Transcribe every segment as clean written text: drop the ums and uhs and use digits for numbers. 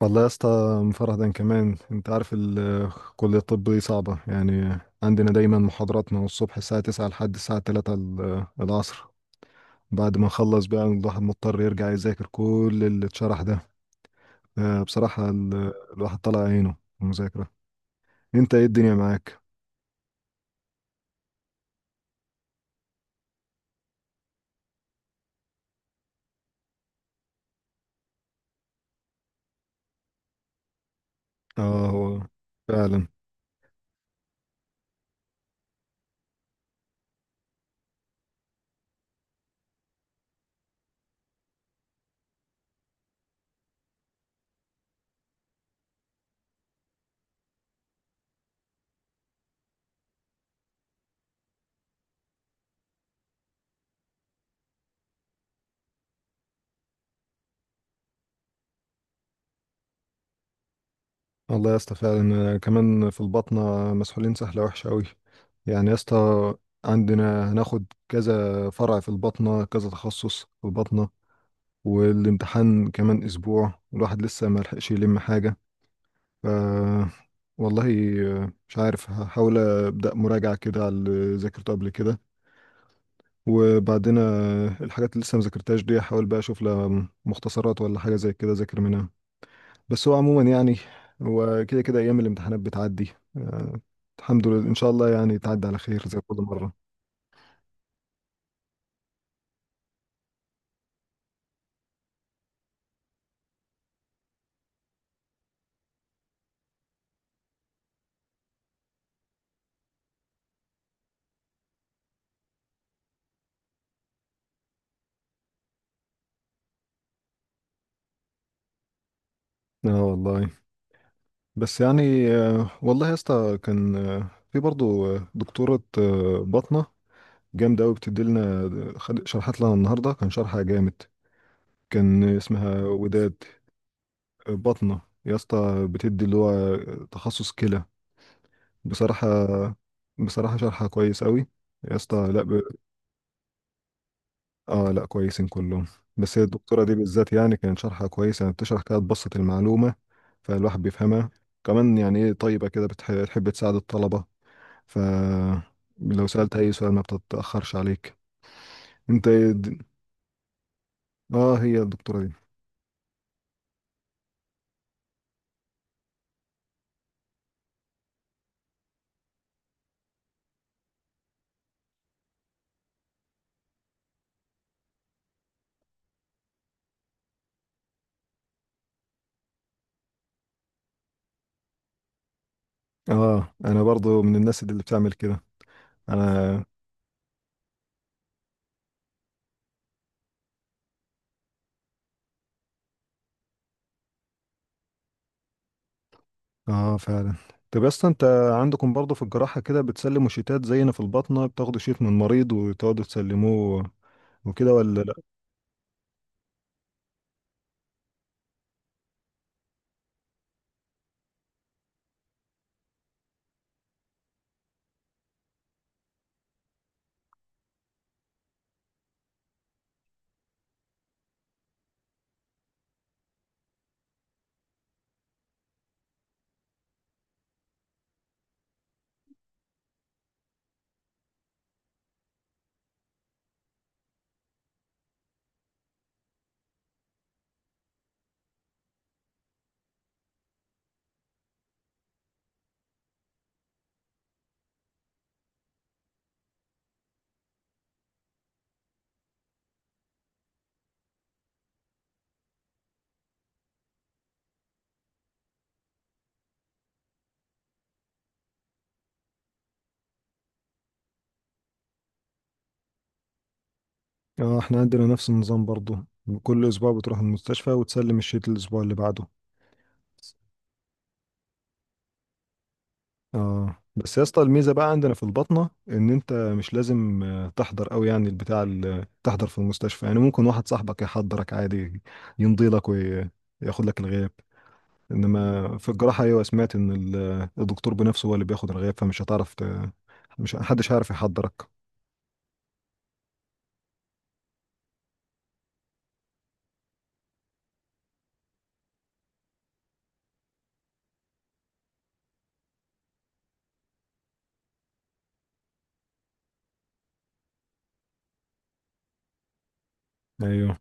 والله يا اسطى مفرهدا كمان. انت عارف كلية الطب دي صعبة، يعني عندنا دايما محاضرات من الصبح الساعة 9 لحد الساعة 3 العصر. بعد ما نخلص بقى الواحد مضطر يرجع يذاكر كل اللي اتشرح ده. بصراحة الواحد طلع عينه في المذاكرة. انت ايه الدنيا معاك؟ اه هو فعلا. والله يا اسطى فعلا، كمان في البطنة مسحولين سحلة وحشة أوي، يعني يا اسطى عندنا هناخد كذا فرع في البطنة، كذا تخصص في البطنة. والامتحان كمان اسبوع والواحد لسه ما لحقش يلم حاجه. ف والله مش عارف، هحاول ابدا مراجعه كده على اللي ذاكرته قبل كده، وبعدين الحاجات اللي لسه ما ذاكرتهاش دي احاول بقى اشوف لها مختصرات ولا حاجه زي كده ذاكر منها. بس هو عموما يعني هو كده كده ايام الامتحانات بتعدي. آه، الحمد لله ان شاء الله يعني تعدي على خير زي كل مره. اه والله. بس يعني والله يا اسطى كان في برضه دكتوره بطنه جامد قوي بتدي لنا. خد شرحت لنا النهارده كان شرحها جامد. كان اسمها وداد. بطنه يا اسطى بتدي اللي هو تخصص كلى. بصراحه بصراحه شرحها كويس قوي يا اسطى. لا ب... اه لا كويسين كلهم. بس هي الدكتوره دي بالذات يعني كان شرحها كويس، يعني بتشرح كده تبسط المعلومه، فالواحد بيفهمها. كمان يعني ايه طيبه كده، بتحب تساعد الطلبه. ف لو سالت اي سؤال ما بتتاخرش عليك. انت إيه د-؟ اه هي الدكتوره دي. اه انا برضو من الناس اللي بتعمل كده. انا. اه فعلا. طب يا اسطى انت، عندكم برضو في الجراحة كده بتسلموا شيتات زينا في الباطنة؟ بتاخدوا شيت من المريض وتقعدوا تسلموه وكده ولا لا؟ اه احنا عندنا نفس النظام برضو، كل اسبوع بتروح المستشفى وتسلم الشيت الاسبوع اللي بعده. اه بس يا اسطى الميزه بقى عندنا في البطنه ان انت مش لازم تحضر قوي، يعني البتاع تحضر في المستشفى، يعني ممكن واحد صاحبك يحضرك عادي يمضي لك وياخد لك الغياب. انما في الجراحه ايوه سمعت ان الدكتور بنفسه هو اللي بياخد الغياب، فمش هتعرف ت... مش محدش هيعرف يحضرك. ايوه.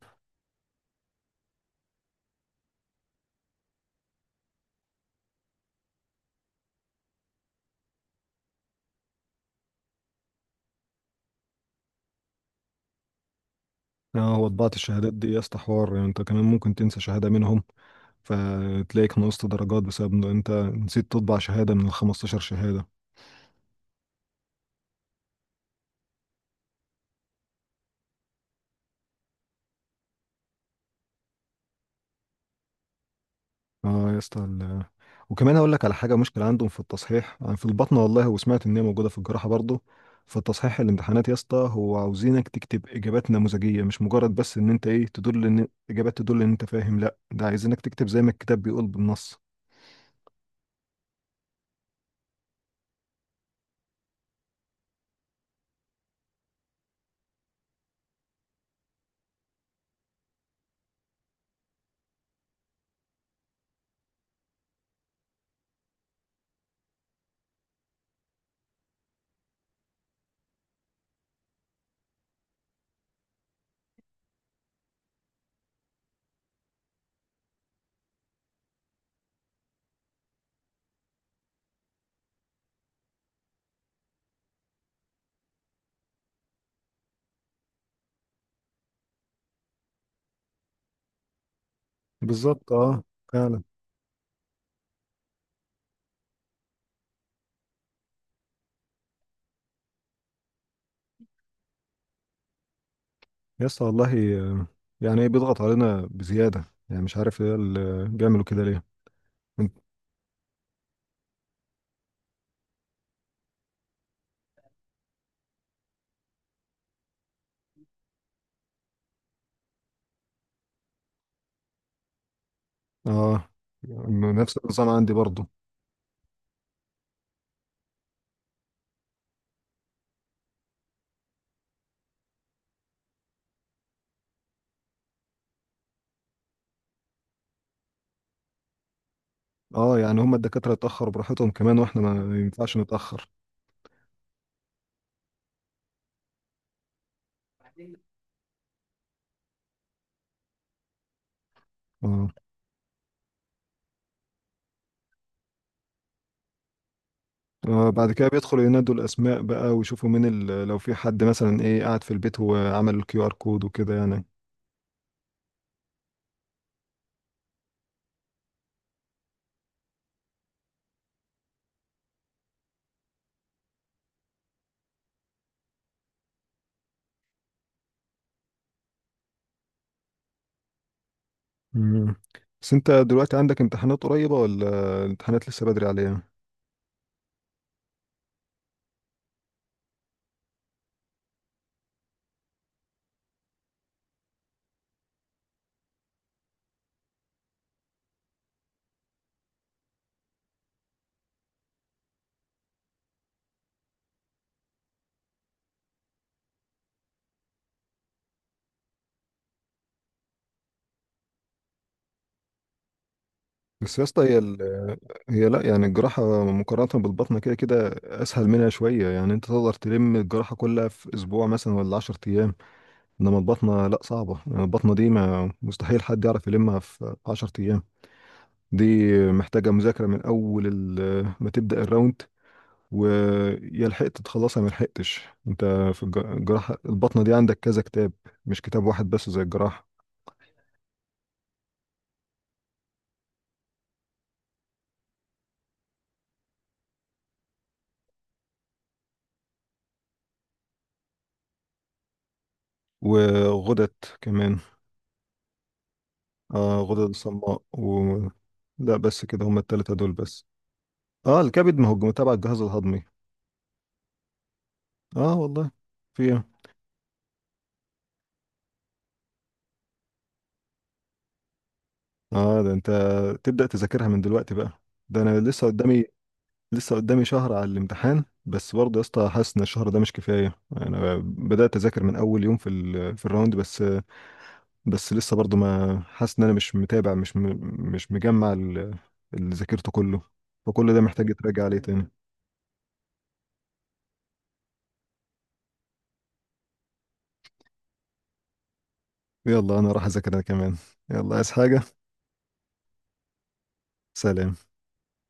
اه هو طباعه الشهادات دي يا اسطى حوار، يعني انت كمان ممكن تنسى شهاده منهم، فتلاقيك نقصت درجات بسبب ان انت نسيت تطبع شهاده من ال 15 شهاده. اه يا اسطى وكمان اقول لك على حاجه. مشكله عندهم في التصحيح يعني في البطنه، والله وسمعت ان هي موجوده في الجراحه برضه. في التصحيح الامتحانات يا اسطى هو عاوزينك تكتب اجابات نموذجيه، مش مجرد بس ان انت ايه تدل ان اجابات تدل ان انت فاهم، لا ده عايزينك تكتب زي ما الكتاب بيقول بالنص. بالظبط. اه فعلا. يا اسطى والله يعني ايه بيضغط علينا بزياده، يعني مش عارف ايه اللي بيعملوا كده ليه. انت-؟ اه نفس النظام عندي برضه. اه يعني هم الدكاتره اتاخروا براحتهم كمان واحنا ما ينفعش نتاخر. اه بعد كده بيدخلوا ينادوا الاسماء بقى ويشوفوا مين ال...، لو في حد مثلا ايه قاعد في البيت وعمل الكيو ار كود وكده يعني. مم. بس انت دلوقتي عندك امتحانات قريبة ولا الامتحانات لسه بدري عليها؟ بس يا اسطى هي ال... هي لا، يعني الجراحة مقارنة بالبطنة كده كده اسهل منها شوية، يعني انت تقدر تلم الجراحة كلها في اسبوع مثلا ولا 10 ايام. انما البطنة لا صعبة، يعني البطنة دي ما مستحيل حد يعرف يلمها في 10 ايام. دي محتاجة مذاكرة من أول ما تبدأ الراوند، ويا لحقت تخلصها ما لحقتش. انت في الجراحة. البطنة دي عندك كذا كتاب، مش كتاب واحد بس زي الجراحة. وغدد كمان. آه غدد الصماء و... لا بس كده هما التلاتة دول بس. اه الكبد، ما هو تبع الجهاز الهضمي. اه والله. في ايه؟ اه ده انت تبدأ تذاكرها من دلوقتي بقى؟ ده انا لسه قدامي. لسه قدامي شهر على الامتحان، بس برضه يا اسطى حاسس ان الشهر ده مش كفايه. انا بدات اذاكر من اول يوم في في الراوند بس. بس لسه برضه ما حاسس ان انا مش متابع، مش م... مش مجمع اللي ذاكرته كله. فكل ده محتاج يتراجع عليه تاني. يلا انا راح اذاكر انا كمان. يلا عايز حاجه؟ سلام.